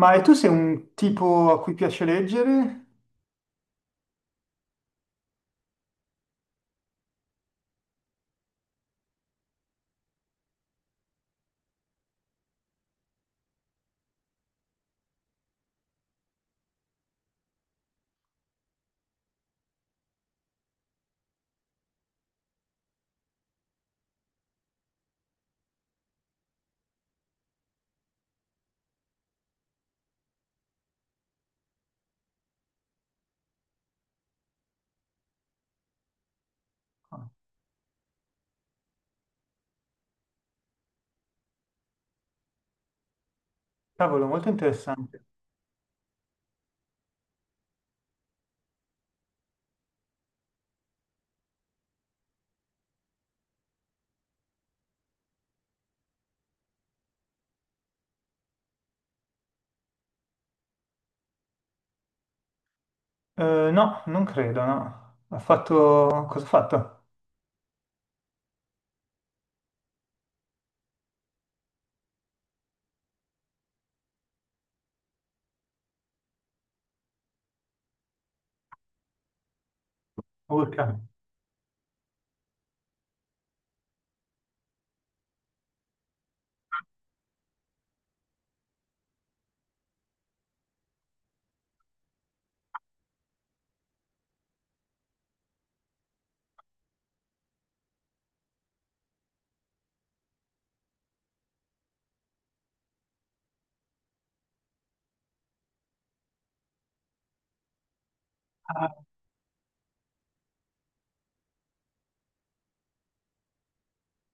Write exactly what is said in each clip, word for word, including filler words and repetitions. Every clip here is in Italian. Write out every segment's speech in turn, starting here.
Ma e tu sei un tipo a cui piace leggere? Ah. Cavolo, molto interessante. Eh, no, non credo, no. Ha fatto... Cosa ha fatto? Urca.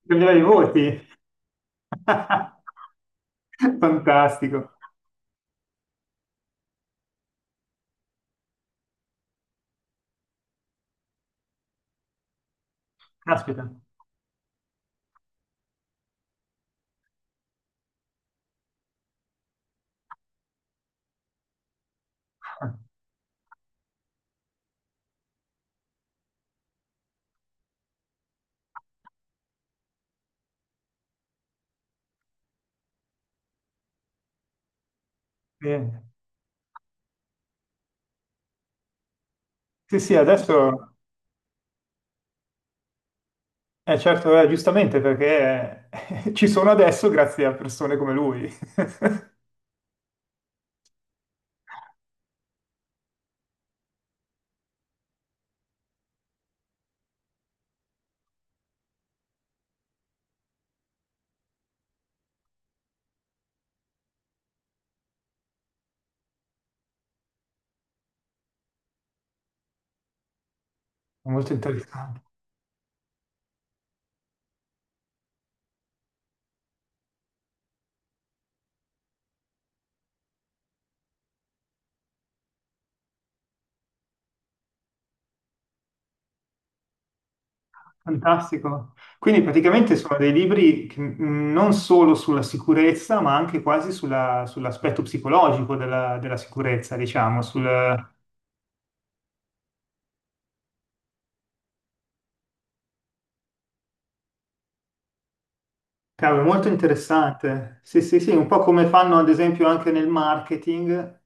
tremila di voti. Fantastico. Caspita. Bene. Sì, sì, adesso. Eh, certo, eh, giustamente, perché ci sono adesso grazie a persone come lui. Molto interessante. Fantastico. Quindi praticamente sono dei libri che, mh, non solo sulla sicurezza, ma anche quasi sulla- sull'aspetto psicologico della, della sicurezza, diciamo, sul. Cavolo, è molto interessante. Sì, sì, sì, un po' come fanno ad esempio anche nel marketing,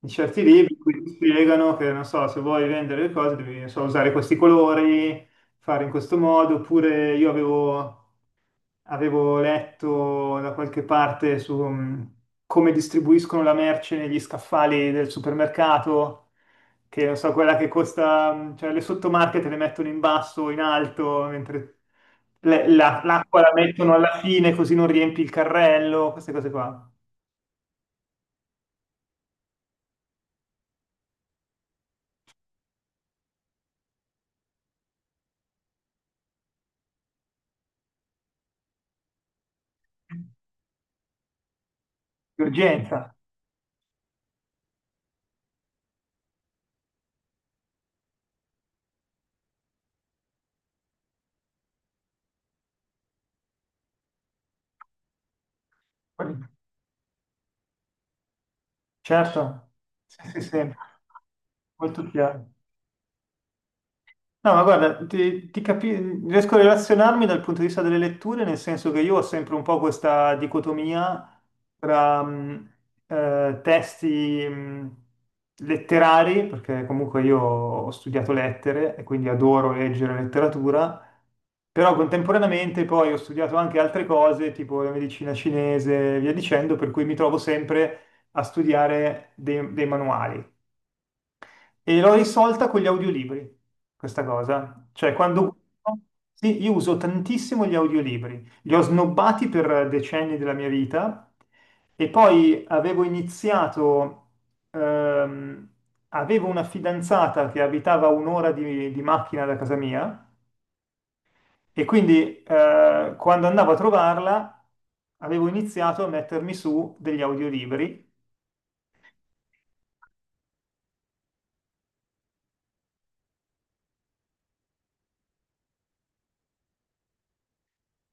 in certi libri in cui ti spiegano che, non so, se vuoi vendere le cose devi, non so, usare questi colori, fare in questo modo, oppure io avevo... avevo letto da qualche parte su mh, come distribuiscono la merce negli scaffali del supermercato, che non so, quella che costa, mh, cioè le sottomarche te le mettono in basso o in alto, mentre le- la- l'acqua la mettono alla fine così non riempi il carrello, queste cose qua. Di urgenza. Certo, sì, sì, sì, molto chiaro. No, ma guarda, ti, ti capi- riesco a relazionarmi dal punto di vista delle letture, nel senso che io ho sempre un po' questa dicotomia tra mh, eh, testi mh, letterari, perché comunque io ho studiato lettere e quindi adoro leggere letteratura, però contemporaneamente poi ho studiato anche altre cose, tipo la medicina cinese e via dicendo, per cui mi trovo sempre a studiare dei dei manuali. E l'ho risolta con gli audiolibri, questa cosa. Cioè, quando. Sì, io uso tantissimo gli audiolibri. Li ho snobbati per decenni della mia vita e poi avevo iniziato. ehm, Avevo una fidanzata che abitava a un'ora di, di macchina da casa mia e quindi eh, quando andavo a trovarla avevo iniziato a mettermi su degli audiolibri.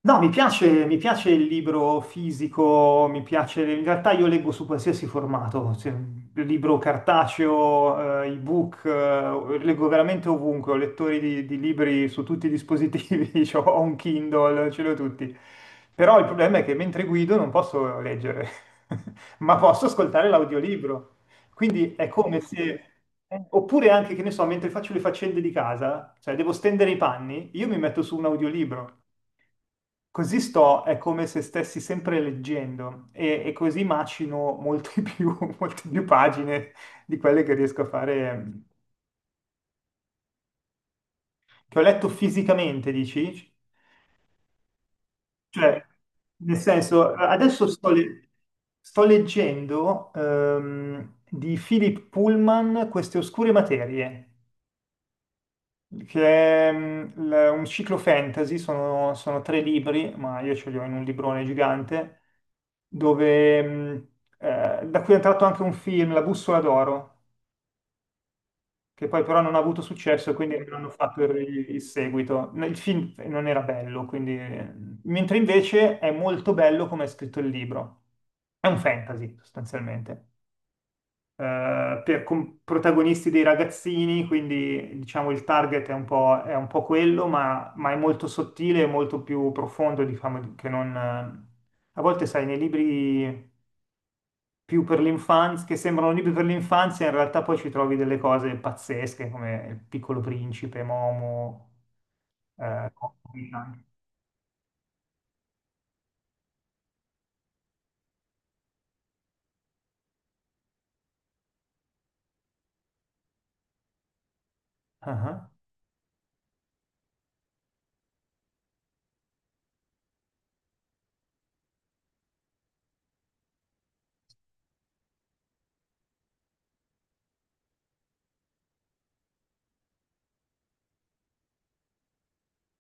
No, mi piace, mi piace il libro fisico, mi piace, in realtà io leggo su qualsiasi formato, se- libro cartaceo, eh, ebook, eh, leggo veramente ovunque, ho lettori di, di libri su tutti i dispositivi, cioè, ho un Kindle, ce l'ho tutti. Però il problema è che mentre guido non posso leggere, ma posso ascoltare l'audiolibro. Quindi è come se. eh, Oppure anche, che ne so, mentre faccio le faccende di casa, cioè devo stendere i panni, io mi metto su un audiolibro. Così sto, è come se stessi sempre leggendo e, e così macino molte più, molte più pagine di quelle che riesco a fare, che ho letto fisicamente, dici? Cioè, nel senso, adesso sto, le- sto leggendo ehm, di Philip Pullman queste oscure materie. Che è mm, l- un ciclo fantasy, sono, sono tre libri, ma io ce li ho in un librone gigante, dove, mm, eh, da cui è entrato anche un film, La bussola d'oro, che poi però non ha avuto successo, e quindi non hanno fatto il, il seguito. Il film non era bello, quindi. Mentre invece è molto bello come è scritto il libro. È un fantasy, sostanzialmente eh, per com- protagonisti dei ragazzini, quindi diciamo il target è un po', è un po' quello, ma, ma è molto sottile e molto più profondo, diciamo, che non. eh, A volte, sai, nei libri più per l'infanzia, che sembrano libri per l'infanzia, in realtà poi ci trovi delle cose pazzesche come Il Piccolo Principe, Momo, eh, Conan. Ah.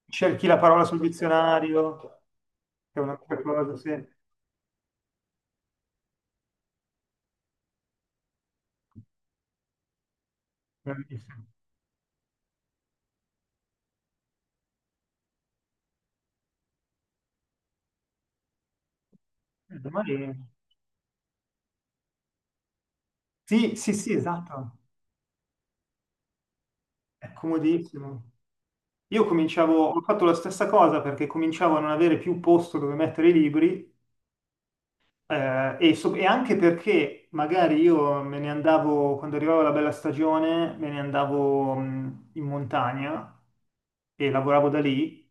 Cerchi la parola sul dizionario, che è un'altra cosa, sì. Bravissimo. Eh, Domani. Sì, sì, sì, esatto, è comodissimo. Io cominciavo, ho fatto la stessa cosa perché cominciavo a non avere più posto dove mettere i libri eh, e, so- e anche perché magari io me ne andavo, quando arrivava la bella stagione, me ne andavo mh, in montagna e lavoravo da lì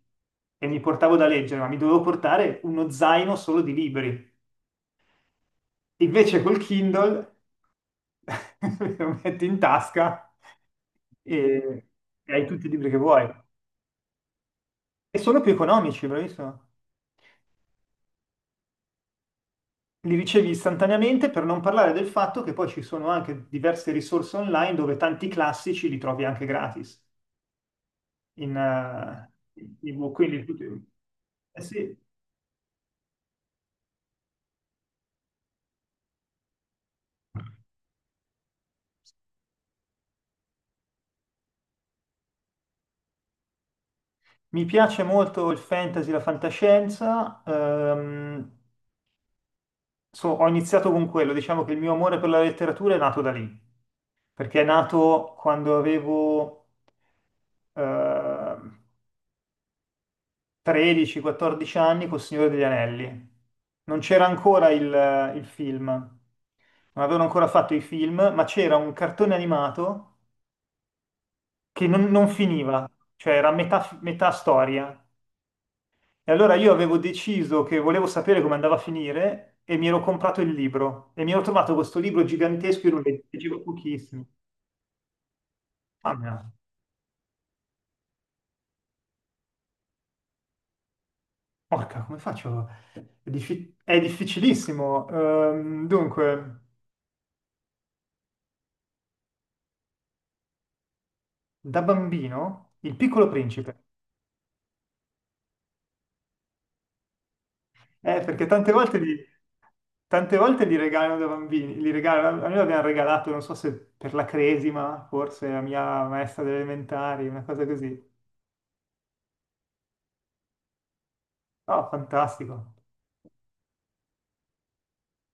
e mi portavo da leggere, ma mi dovevo portare uno zaino solo di libri. Invece col Kindle lo metti in tasca e e hai tutti i libri che vuoi. E sono più economici, bravissimo. Li ricevi istantaneamente per non parlare del fatto che poi ci sono anche diverse risorse online dove tanti classici li trovi anche gratis. In, eh, in ebook. Quindi tutti- eh sì, mi piace molto il fantasy, la fantascienza. ehm, so- ho iniziato con quello, diciamo che il mio amore per la letteratura è nato da lì. Perché è nato quando avevo eh, tredici quattordici anni col Signore degli Anelli. Non c'era ancora il, il film, non avevano ancora fatto i film, ma c'era un cartone animato che non, non finiva, cioè era metà, fi- metà storia. E allora io avevo deciso che volevo sapere come andava a finire e mi ero comprato il libro e mi ero trovato questo libro gigantesco, io non leggevo pochissimo. Mamma mia. Porca, come faccio? È, diffi- è difficilissimo. Ehm, dunque, da bambino, Il Piccolo Principe. Eh, perché tante volte li, tante volte li regalano da bambini. Li regalano, a me l'abbiamo regalato, non so se per la cresima, forse, la mia maestra delle elementari, una cosa così. Oh, fantastico.